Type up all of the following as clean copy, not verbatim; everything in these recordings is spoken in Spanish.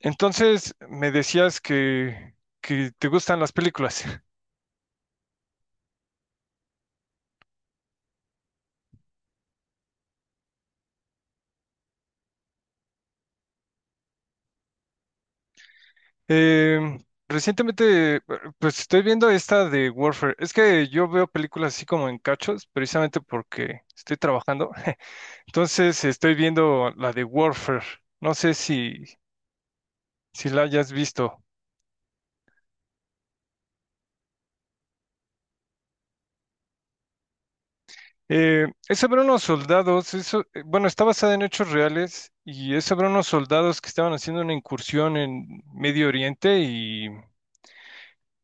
Entonces, me decías que te gustan las películas. Em, recientemente, pues estoy viendo esta de Warfare. Es que yo veo películas así como en cachos, precisamente porque estoy trabajando. Entonces, estoy viendo la de Warfare. No sé si la hayas visto. Es sobre unos soldados, eso, bueno, está basada en hechos reales y es sobre unos soldados que estaban haciendo una incursión en Medio Oriente y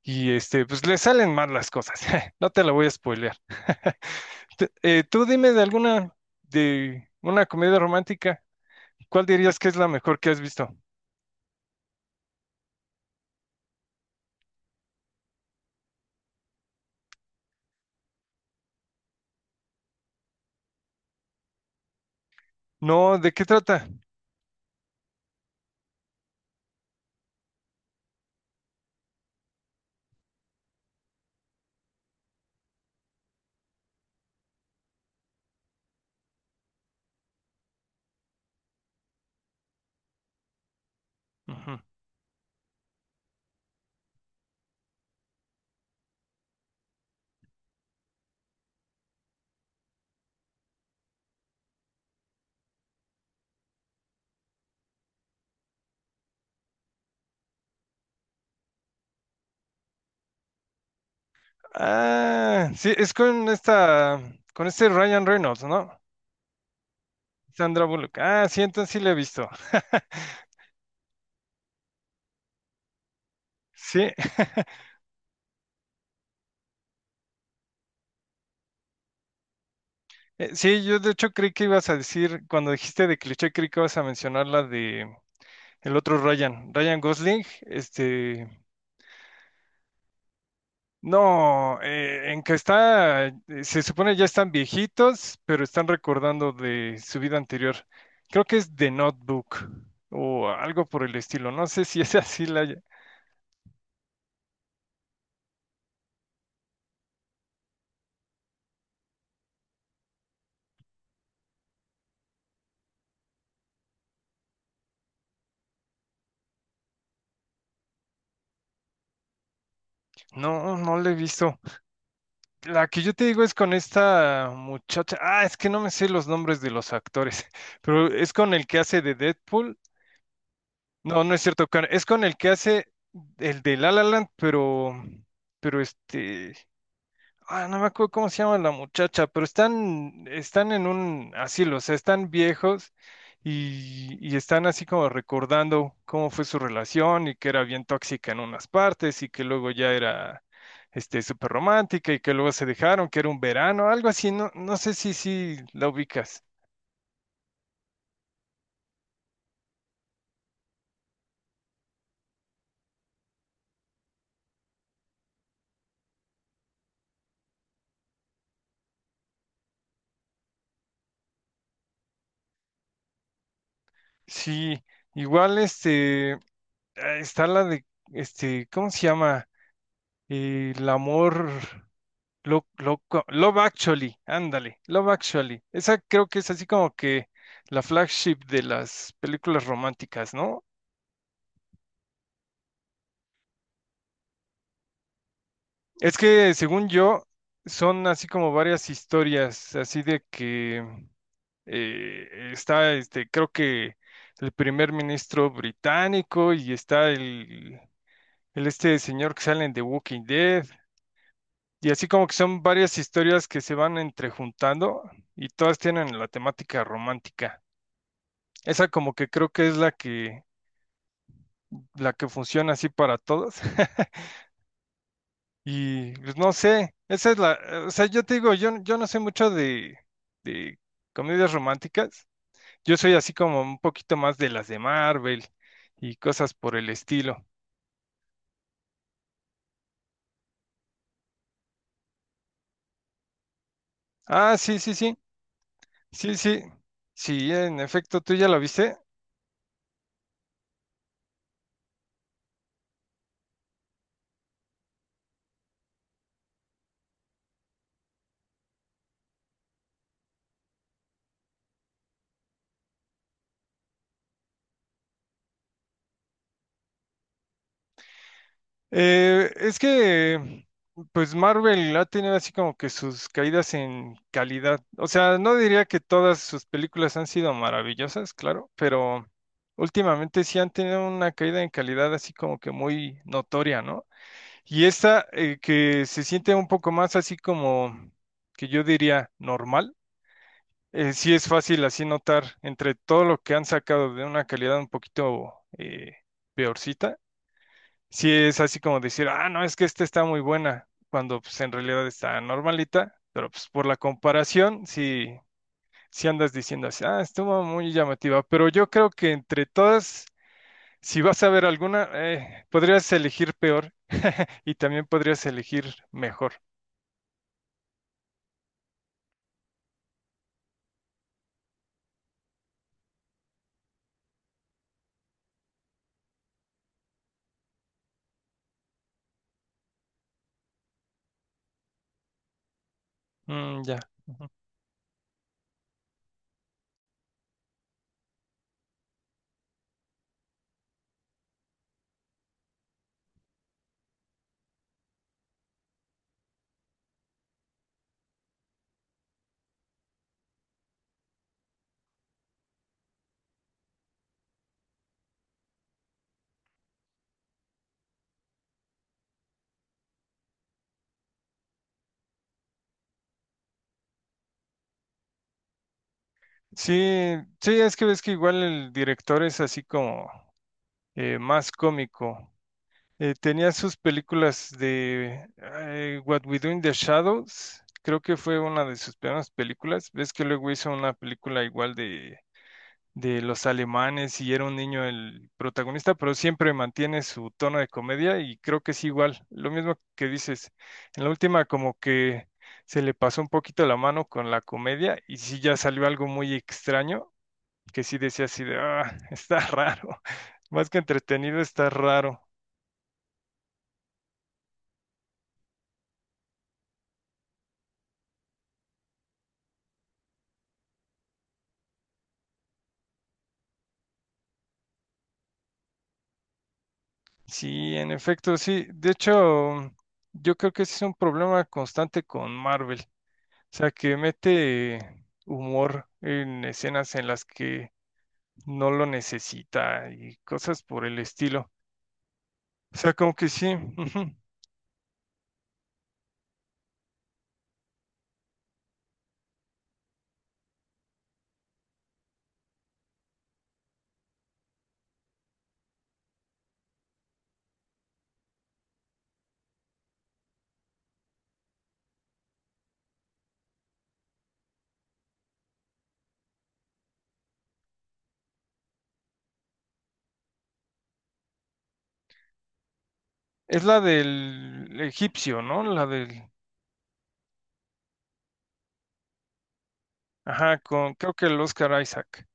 Y este, pues le salen mal las cosas. No te la voy a spoilear. Tú dime de alguna, de una comedia romántica. ¿Cuál dirías que es la mejor que has visto? No, ¿de qué trata? Ujú. Ah, sí, es con con este Ryan Reynolds, ¿no? Sandra Bullock. Ah, sí, entonces sí la he visto. Sí, sí, yo de hecho creí que ibas a decir, cuando dijiste de cliché, creí que ibas a mencionar la de el otro Ryan, Ryan Gosling, no, en que está, se supone ya están viejitos, pero están recordando de su vida anterior. Creo que es The Notebook o algo por el estilo. No sé si es así la... No, no la he visto. La que yo te digo es con esta muchacha. Ah, es que no me sé los nombres de los actores, pero es con el que hace de Deadpool. No, no es cierto, es con el que hace el de La La Land, pero ah, no me acuerdo cómo se llama la muchacha, pero están en un asilo, o sea, están viejos y están así como recordando cómo fue su relación y que era bien tóxica en unas partes y que luego ya era súper romántica y que luego se dejaron, que era un verano, algo así, no, no sé si la ubicas. Sí, igual ah, está la de, este, ¿cómo se llama? El amor. Lo, lo- Love Actually, ándale, Love Actually. Esa creo que es así como que la flagship de las películas románticas, ¿no? Es que según yo, son así como varias historias, así de que está, creo que el primer ministro británico y está el este señor que sale en The Walking Dead. Y así como que son varias historias que se van entrejuntando y todas tienen la temática romántica. Esa como que creo que es la que funciona así para todos. Y pues no sé, esa es la, o sea, yo te digo, yo no sé mucho de comedias románticas. Yo soy así como un poquito más de las de Marvel y cosas por el estilo. Ah, sí, sí, sí, sí, sí, sí, en efecto, ¿tú ya la viste? Eh, es que, pues Marvel ha tenido así como que sus caídas en calidad. O sea, no diría que todas sus películas han sido maravillosas, claro, pero últimamente sí han tenido una caída en calidad así como que muy notoria, ¿no? Y esta que se siente un poco más así como que yo diría normal, sí es fácil así notar entre todo lo que han sacado de una calidad un poquito eh, peorcita sí es así como decir, ah, no, es que esta está muy buena, cuando pues en realidad está normalita, pero pues por la comparación, sí, sí andas diciendo así, ah, estuvo muy llamativa, pero yo creo que entre todas, si vas a ver alguna, podrías elegir peor y también podrías elegir mejor. Mm, ya. Ujú. Sí, sí, es que ves que igual el director es así como más cómico. Tenía sus películas de What We Do in the Shadows, creo que fue una de sus primeras películas. Ves que luego hizo una película igual de los alemanes y era un niño el protagonista, pero siempre mantiene su tono de comedia y creo que es igual, lo mismo que dices. En la última como que se le pasó un poquito la mano con la comedia y sí ya salió algo muy extraño, que sí decía así de, ah, está raro, más que entretenido, está raro. Sí, en efecto, sí. De hecho, yo creo que ese es un problema constante con Marvel. O sea, que mete humor en escenas en las que no lo necesita y cosas por el estilo. O sea, como que sí. Ujú. Es la del egipcio, ¿no? La del... Ajá, con... creo que el Oscar Isaac.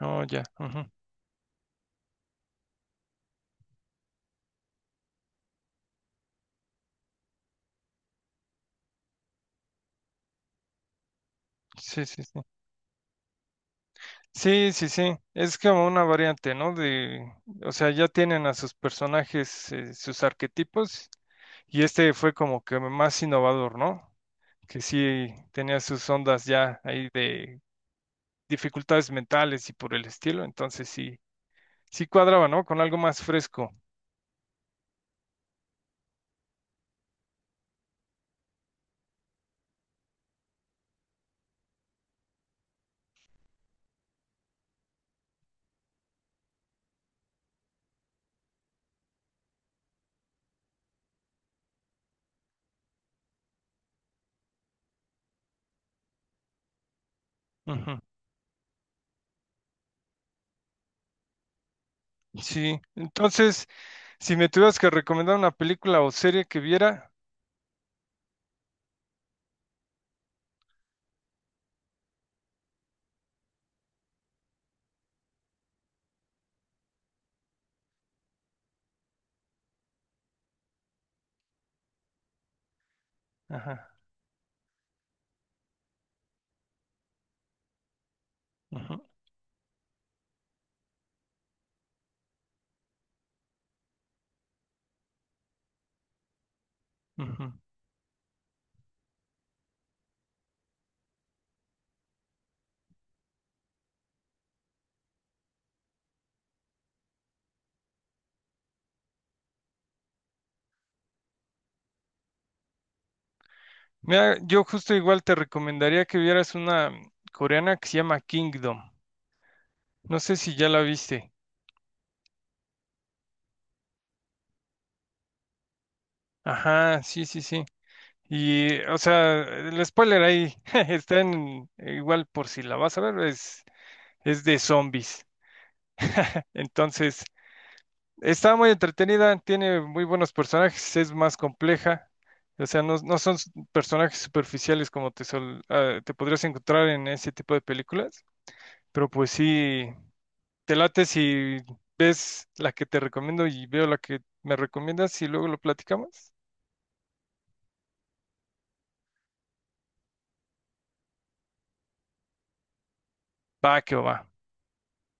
Oh, ya. Ujú. Sí, sí, sí. Sí, sí, sí. Es como una variante, ¿no? De... O sea, ya tienen a sus personajes, sus arquetipos y este fue como que más innovador, ¿no? Que sí tenía sus ondas ya ahí de dificultades mentales y por el estilo, entonces sí, sí cuadraba, ¿no? Con algo más fresco. Ujú. Sí, entonces, si me tuvieras que recomendar una película o serie que viera, ajá, ujú, ujú. Mira, yo justo igual te recomendaría que vieras una coreana que se llama Kingdom. No sé si ya la viste. Ajá, sí, sí, sí. Y, o sea, el spoiler ahí está en, igual por si la vas a es de zombies. Entonces, está muy entretenida, tiene muy buenos personajes, es más compleja. O sea, no, no son personajes superficiales como te podrías encontrar en ese tipo de películas. Pero pues sí, te late si ves la que te recomiendo y veo la que me recomiendas y luego lo platicamos. Va, que va.